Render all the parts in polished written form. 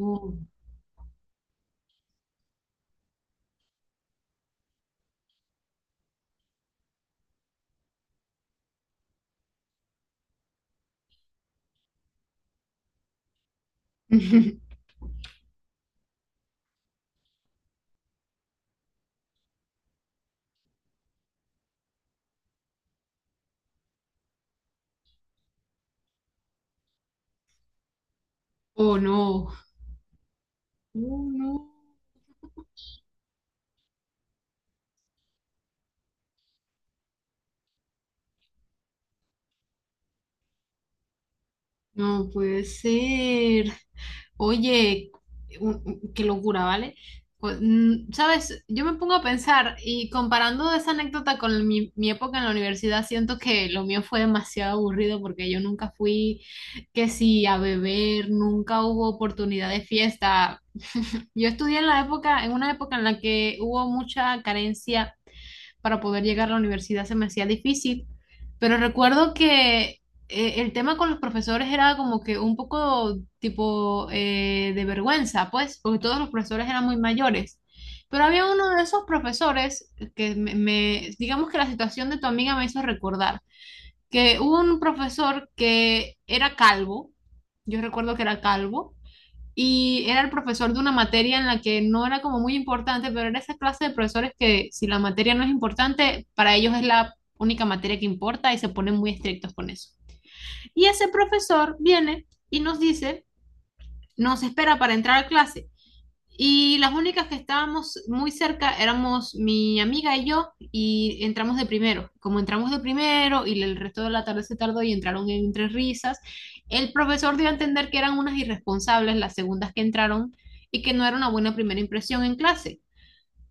Oh, oh no, oh no, no puede ser. Oye, qué locura, ¿vale? Sabes, yo me pongo a pensar y comparando esa anécdota con mi época en la universidad, siento que lo mío fue demasiado aburrido porque yo nunca fui, que sí, a beber, nunca hubo oportunidad de fiesta. Yo estudié en la época, en una época en la que hubo mucha carencia para poder llegar a la universidad se me hacía difícil, pero recuerdo que el tema con los profesores era como que un poco tipo de vergüenza, pues, porque todos los profesores eran muy mayores. Pero había uno de esos profesores que digamos que la situación de tu amiga me hizo recordar, que hubo un profesor que era calvo, yo recuerdo que era calvo, y era el profesor de una materia en la que no era como muy importante, pero era esa clase de profesores que si la materia no es importante, para ellos es la única materia que importa y se ponen muy estrictos con eso. Y ese profesor viene y nos dice, nos espera para entrar a clase y las únicas que estábamos muy cerca éramos mi amiga y yo, y entramos de primero. Como entramos de primero y el resto de la tarde se tardó y entraron entre risas, el profesor dio a entender que eran unas irresponsables las segundas que entraron y que no era una buena primera impresión en clase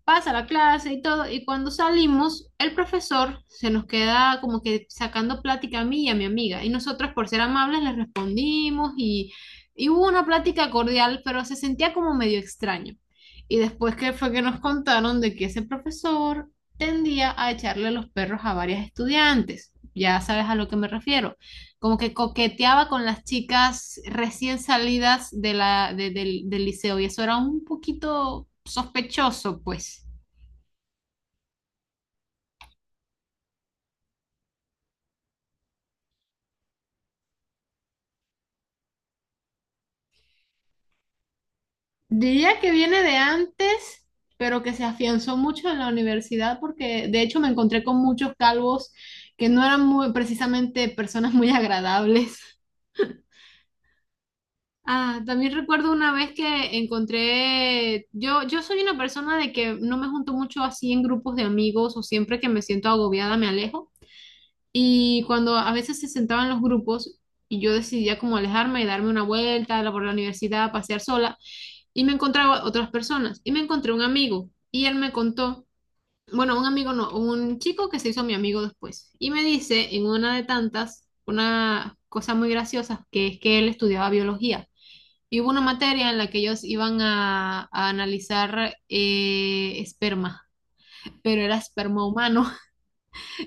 pasa la clase y todo, y cuando salimos, el profesor se nos queda como que sacando plática a mí y a mi amiga, y nosotros por ser amables le respondimos y hubo una plática cordial, pero se sentía como medio extraño. Y después que fue que nos contaron de que ese profesor tendía a echarle los perros a varias estudiantes. Ya sabes a lo que me refiero. Como que coqueteaba con las chicas recién salidas de la, del liceo y eso era un poquito sospechoso, pues. Diría que viene de antes, pero que se afianzó mucho en la universidad porque de hecho me encontré con muchos calvos que no eran muy, precisamente personas muy agradables. Ah, también recuerdo una vez que encontré, yo soy una persona de que no me junto mucho así en grupos de amigos o siempre que me siento agobiada me alejo. Y cuando a veces se sentaban los grupos y yo decidía como alejarme y darme una vuelta por la universidad, pasear sola. Y me encontraba otras personas y me encontré un amigo y él me contó, bueno, un amigo no, un chico que se hizo mi amigo después y me dice en una de tantas una cosa muy graciosa que es que él estudiaba biología y hubo una materia en la que ellos iban a analizar esperma, pero era esperma humano.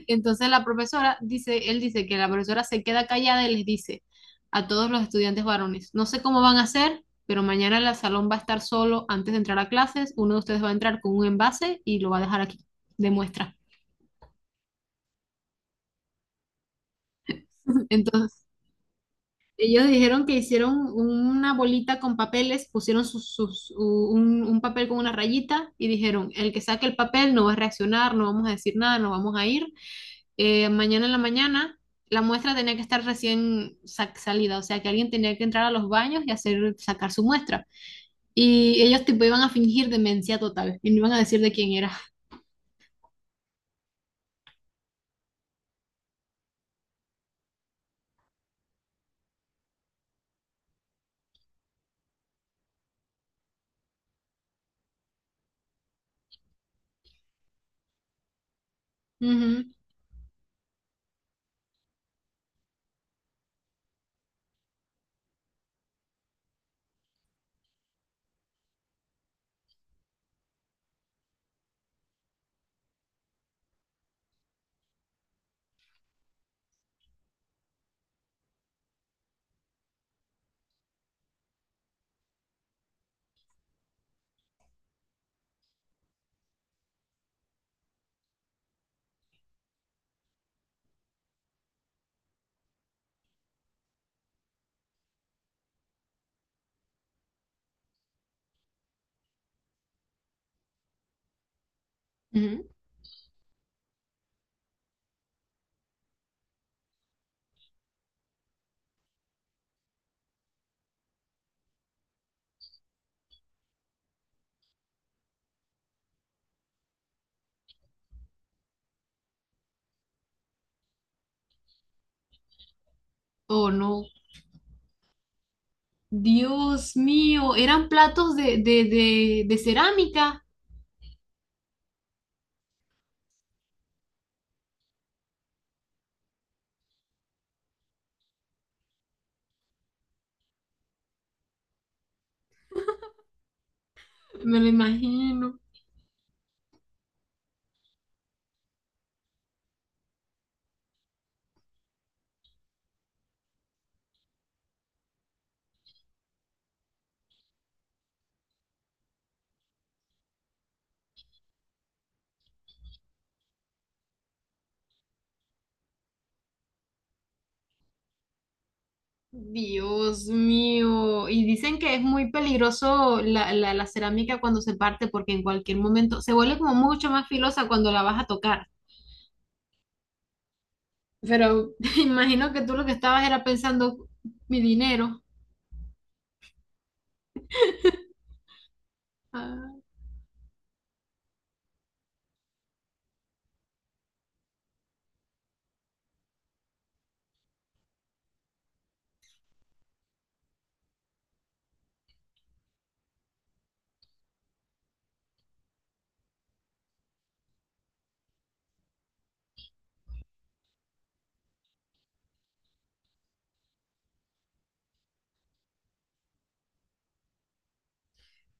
Entonces la profesora dice, él dice que la profesora se queda callada y les dice a todos los estudiantes varones, no sé cómo van a hacer, pero mañana el salón va a estar solo antes de entrar a clases, uno de ustedes va a entrar con un envase y lo va a dejar aquí, de muestra. Entonces, ellos dijeron que hicieron una bolita con papeles, pusieron un papel con una rayita y dijeron, el que saque el papel no va a reaccionar, no vamos a decir nada, no vamos a ir, mañana en la mañana, la muestra tenía que estar recién salida, o sea que alguien tenía que entrar a los baños y hacer, sacar su muestra. Y ellos tipo iban a fingir demencia total y no iban a decir de quién era. Ujú, ujú. Oh, no. Dios mío, eran platos de, de cerámica, me lo imagino. Dios mío, y dicen que es muy peligroso la cerámica cuando se parte porque en cualquier momento se vuelve como mucho más filosa cuando la vas a tocar. Pero imagino que tú lo que estabas era pensando mi dinero. Ah,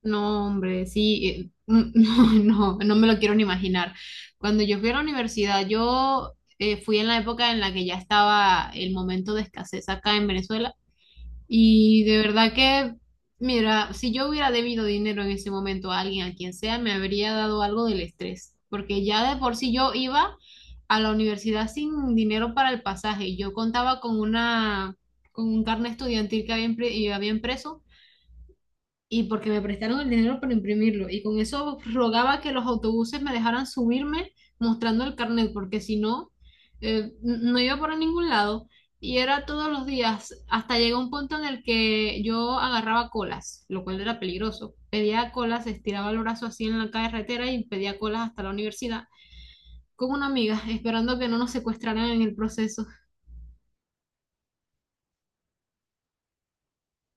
no, hombre, sí, no, no, no me lo quiero ni imaginar. Cuando yo fui a la universidad, yo fui en la época en la que ya estaba el momento de escasez acá en Venezuela. Y de verdad que, mira, si yo hubiera debido dinero en ese momento a alguien, a quien sea, me habría dado algo del estrés, porque ya de por sí yo iba a la universidad sin dinero para el pasaje. Yo contaba con una, con un carnet estudiantil que había, y había impreso y porque me prestaron el dinero para imprimirlo. Y con eso rogaba que los autobuses me dejaran subirme mostrando el carnet, porque si no, no iba por ningún lado. Y era todos los días, hasta llegó un punto en el que yo agarraba colas, lo cual era peligroso. Pedía colas, estiraba el brazo así en la carretera y pedía colas hasta la universidad con una amiga, esperando que no nos secuestraran en el proceso.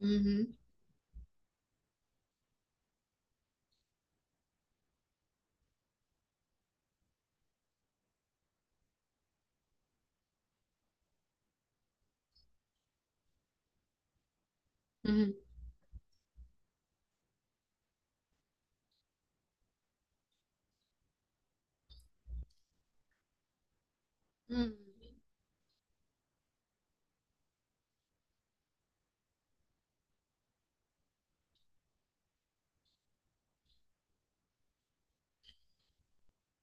Ujú, ujú, ujú.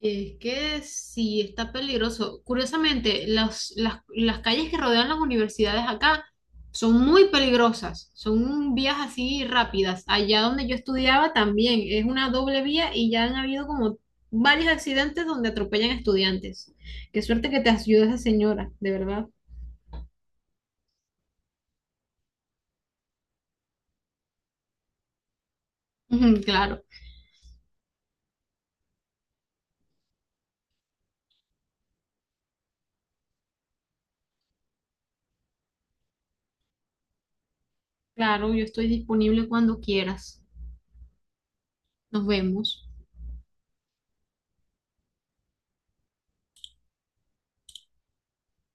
Es que sí, está peligroso. Curiosamente, las calles que rodean las universidades acá son muy peligrosas, son vías así rápidas. Allá donde yo estudiaba también es una doble vía y ya han habido como varios accidentes donde atropellan estudiantes. Qué suerte que te ayuda esa señora, de verdad. Ujú, claro, claro, yo estoy disponible cuando quieras. Nos vemos.